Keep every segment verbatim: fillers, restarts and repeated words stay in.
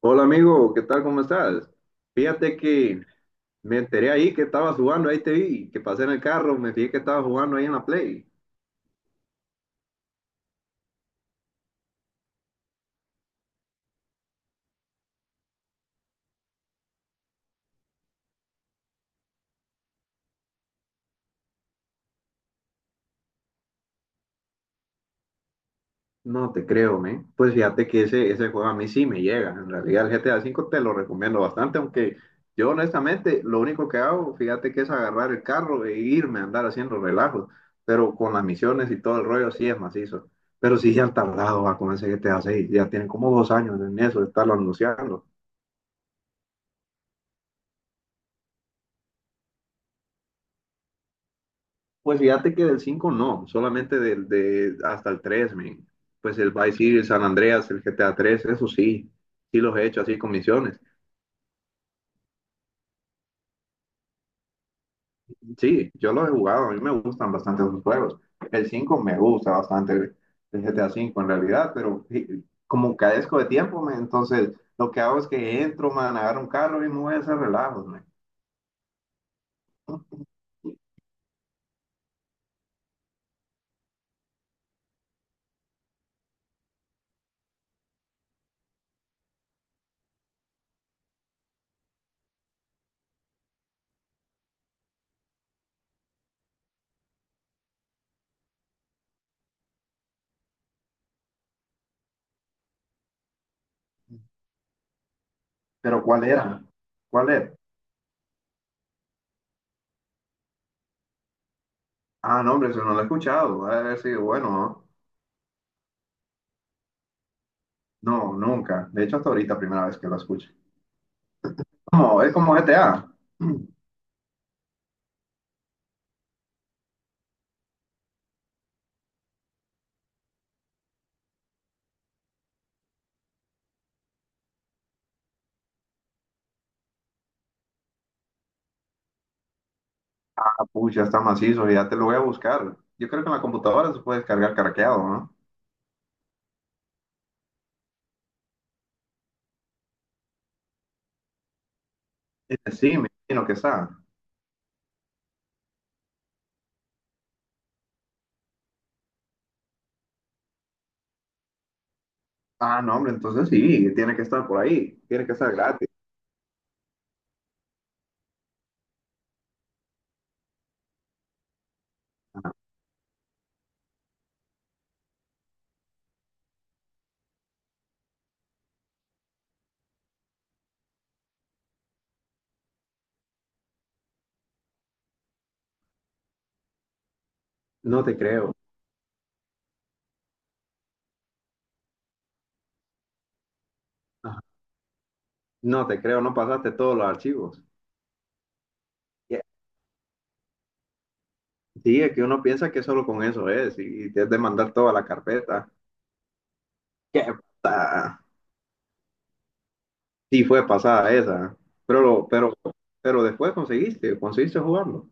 Hola amigo, ¿qué tal? ¿Cómo estás? Fíjate que me enteré ahí que estabas jugando, ahí te vi, que pasé en el carro, me fijé que estabas jugando ahí en la Play. No te creo, me. Pues fíjate que ese, ese juego a mí sí me llega. En realidad el G T A V te lo recomiendo bastante, aunque yo honestamente lo único que hago, fíjate que es agarrar el carro e irme a andar haciendo relajos, pero con las misiones y todo el rollo sí es macizo. Pero sí ya han tardado va, con ese G T A seis. Ya tienen como dos años en eso de estarlo anunciando. Pues fíjate que del cinco no, solamente del de hasta el tres, men. Pues el Vice City, el San Andreas, el G T A tres, eso sí, sí los he hecho así con misiones. Sí, yo los he jugado, a mí me gustan bastante esos juegos. El cinco me gusta bastante el el G T A cinco, en realidad, pero sí, como carezco de tiempo, men, entonces lo que hago es que entro, man, agarro un carro y me voy a hacer relajos, men. Pero ¿cuál era? ¿Cuál era? Ah, no, hombre, eso no lo he escuchado. A ver si, bueno, no. No, nunca. De hecho, hasta ahorita, primera vez que lo escucho. No, es como G T A. Mm. Ah, pucha, está macizo, ya te lo voy a buscar. Yo creo que en la computadora se puede descargar craqueado, ¿no? Eh, Sí, me imagino que está. Ah, no, hombre, entonces sí, tiene que estar por ahí, tiene que estar gratis. No te creo. Ajá. No te creo, no pasaste todos los archivos. Ya. Sí, es que uno piensa que solo con eso es y te has de mandar toda la carpeta. Qué puta. Sí, fue pasada esa. Pero, pero, pero después conseguiste, conseguiste jugarlo.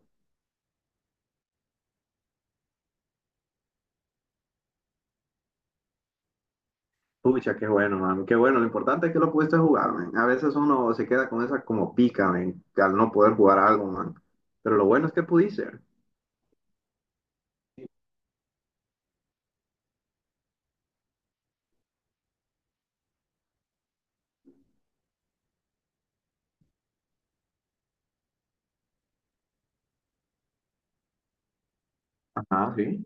Pucha, qué bueno, man. Qué bueno. Lo importante es que lo pudiste jugar, man. A veces uno se queda con esa como pica, man, al no poder jugar algo, man. Pero lo bueno es que pudiste. Ajá, sí.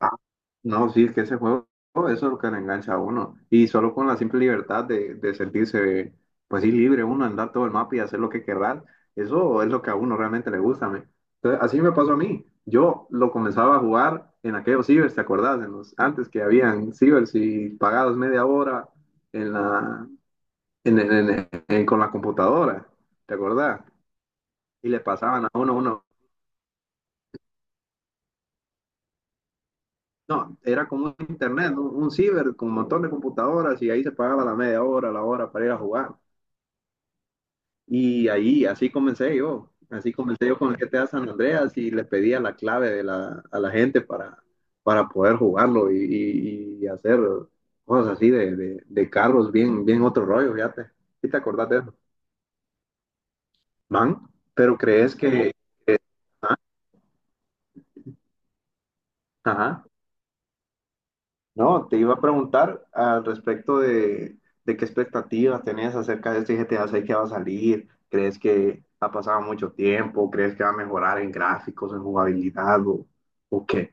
Ah, no, sí, es que ese juego, eso es lo que le engancha a uno. Y solo con la simple libertad de, de sentirse, pues sí, libre uno, andar todo el mapa y hacer lo que querrá, eso es lo que a uno realmente le gusta, man. Entonces, así me pasó a mí. Yo lo comenzaba a jugar en aquellos cibers, ¿te acordás? En los, antes que habían cibers y pagados media hora en la, en- en- en- con la computadora, ¿te acordás? Y le pasaban a uno, uno, no, era como un internet, un, un ciber con un montón de computadoras y ahí se pagaba la media hora, la hora para ir a jugar. Y ahí, así comencé yo, así comencé yo con el G T A San Andreas y les pedía la clave de la, a la gente para, para poder jugarlo y, y- y hacer cosas así de, de, de carros, bien, bien otro rollo, fíjate. ¿Y te acordás de eso? Man, pero crees que. Ajá. No, te iba a preguntar al respecto de, de qué expectativas tenías acerca de este G T A seis que va a salir. ¿Crees que ha pasado mucho tiempo? ¿Crees que va a mejorar en gráficos, en jugabilidad o, o qué?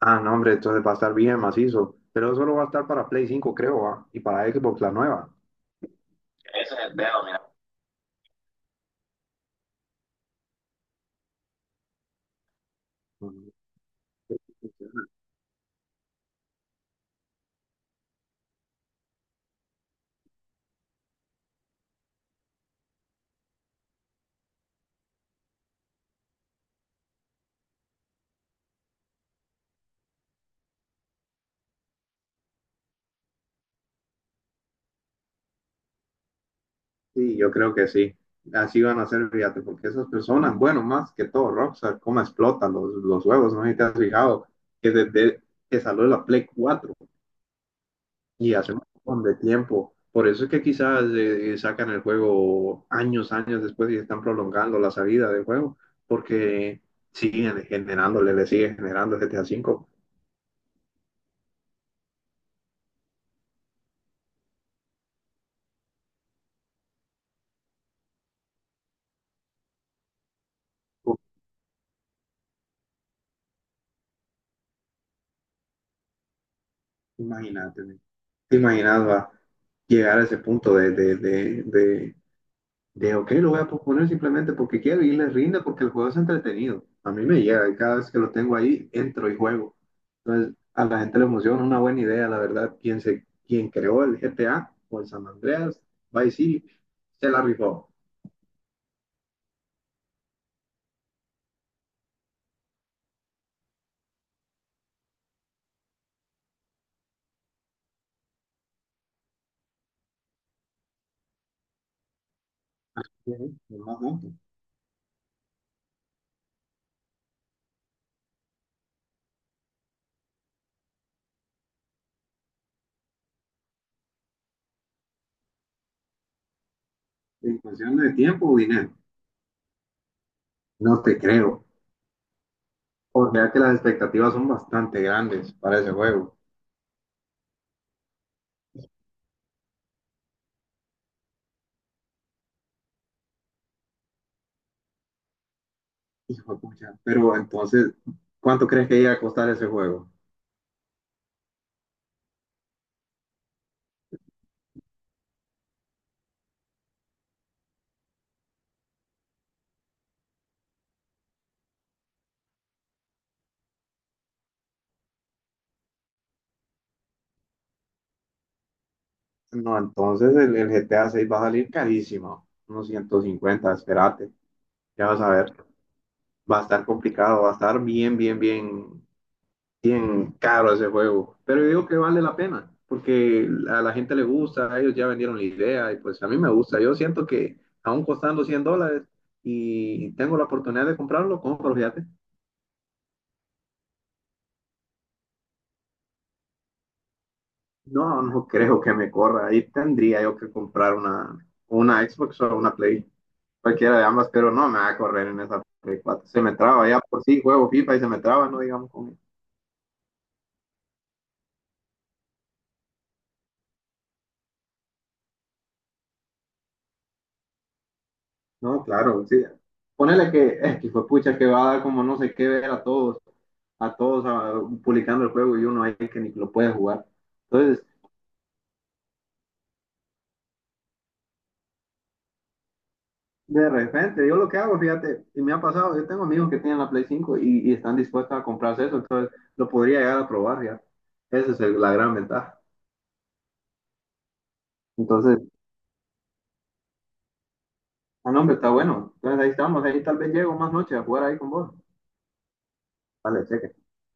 Ah, no, hombre, entonces va a estar bien macizo. Pero solo va a estar para Play cinco, creo, ¿ah? Y para Xbox la nueva. Mm. Sí, yo creo que sí. Así van a ser, fíjate, porque esas personas, bueno, más que todo, Rockstar, cómo explotan los, los juegos, no sé si te has fijado, que desde que salió la Play cuatro. Y hace un montón de tiempo. Por eso es que quizás eh, eh, sacan el juego años, años después y están prolongando la salida del juego, porque siguen generándole, le sigue generando G T A V. Uf, imagínate, ¿te imaginas va, llegar a ese punto de, de, de, de, de, ok, lo voy a posponer simplemente porque quiero y le rinde porque el juego es entretenido. A mí me llega y cada vez que lo tengo ahí, entro y juego. Entonces, a la gente le emociona, una buena idea, la verdad. Quien, se, quien creó el G T A o el San Andreas, Vice City, se la rifó. Ujú. Ajá. En cuestión de tiempo o dinero, no te creo. O sea que las expectativas son bastante grandes para ese juego. Hijo de pucha. Pero entonces, ¿cuánto crees que iba a costar ese juego? No, entonces el, el G T A seis va a salir carísimo, unos ciento cincuenta, espérate, ya vas a ver, va a estar complicado, va a estar bien, bien, bien, bien caro ese juego, pero yo digo que vale la pena, porque a la gente le gusta, a ellos ya vendieron la idea y pues a mí me gusta, yo siento que aún costando cien dólares y tengo la oportunidad de comprarlo, compro, fíjate. No, no creo que me corra. Ahí tendría yo que comprar una, una Xbox o una Play, cualquiera de ambas, pero no me va a correr en esa Play cuatro. Se me traba ya por sí, juego FIFA y se me traba, no digamos con. No, claro, sí. Ponele que, es que fue pucha que va a dar como no sé qué ver a todos, a todos ah, publicando el juego y uno ahí que ni lo puede jugar. Entonces, de repente, yo lo que hago, fíjate, y me ha pasado, yo tengo amigos que tienen la Play cinco y, y están dispuestos a comprarse eso, entonces lo podría llegar a probar ya. Esa es el- la gran ventaja. Entonces, ah, no, hombre, está bueno. Entonces ahí estamos, ahí tal vez llego más noche a jugar ahí con vos. Vale, cheque.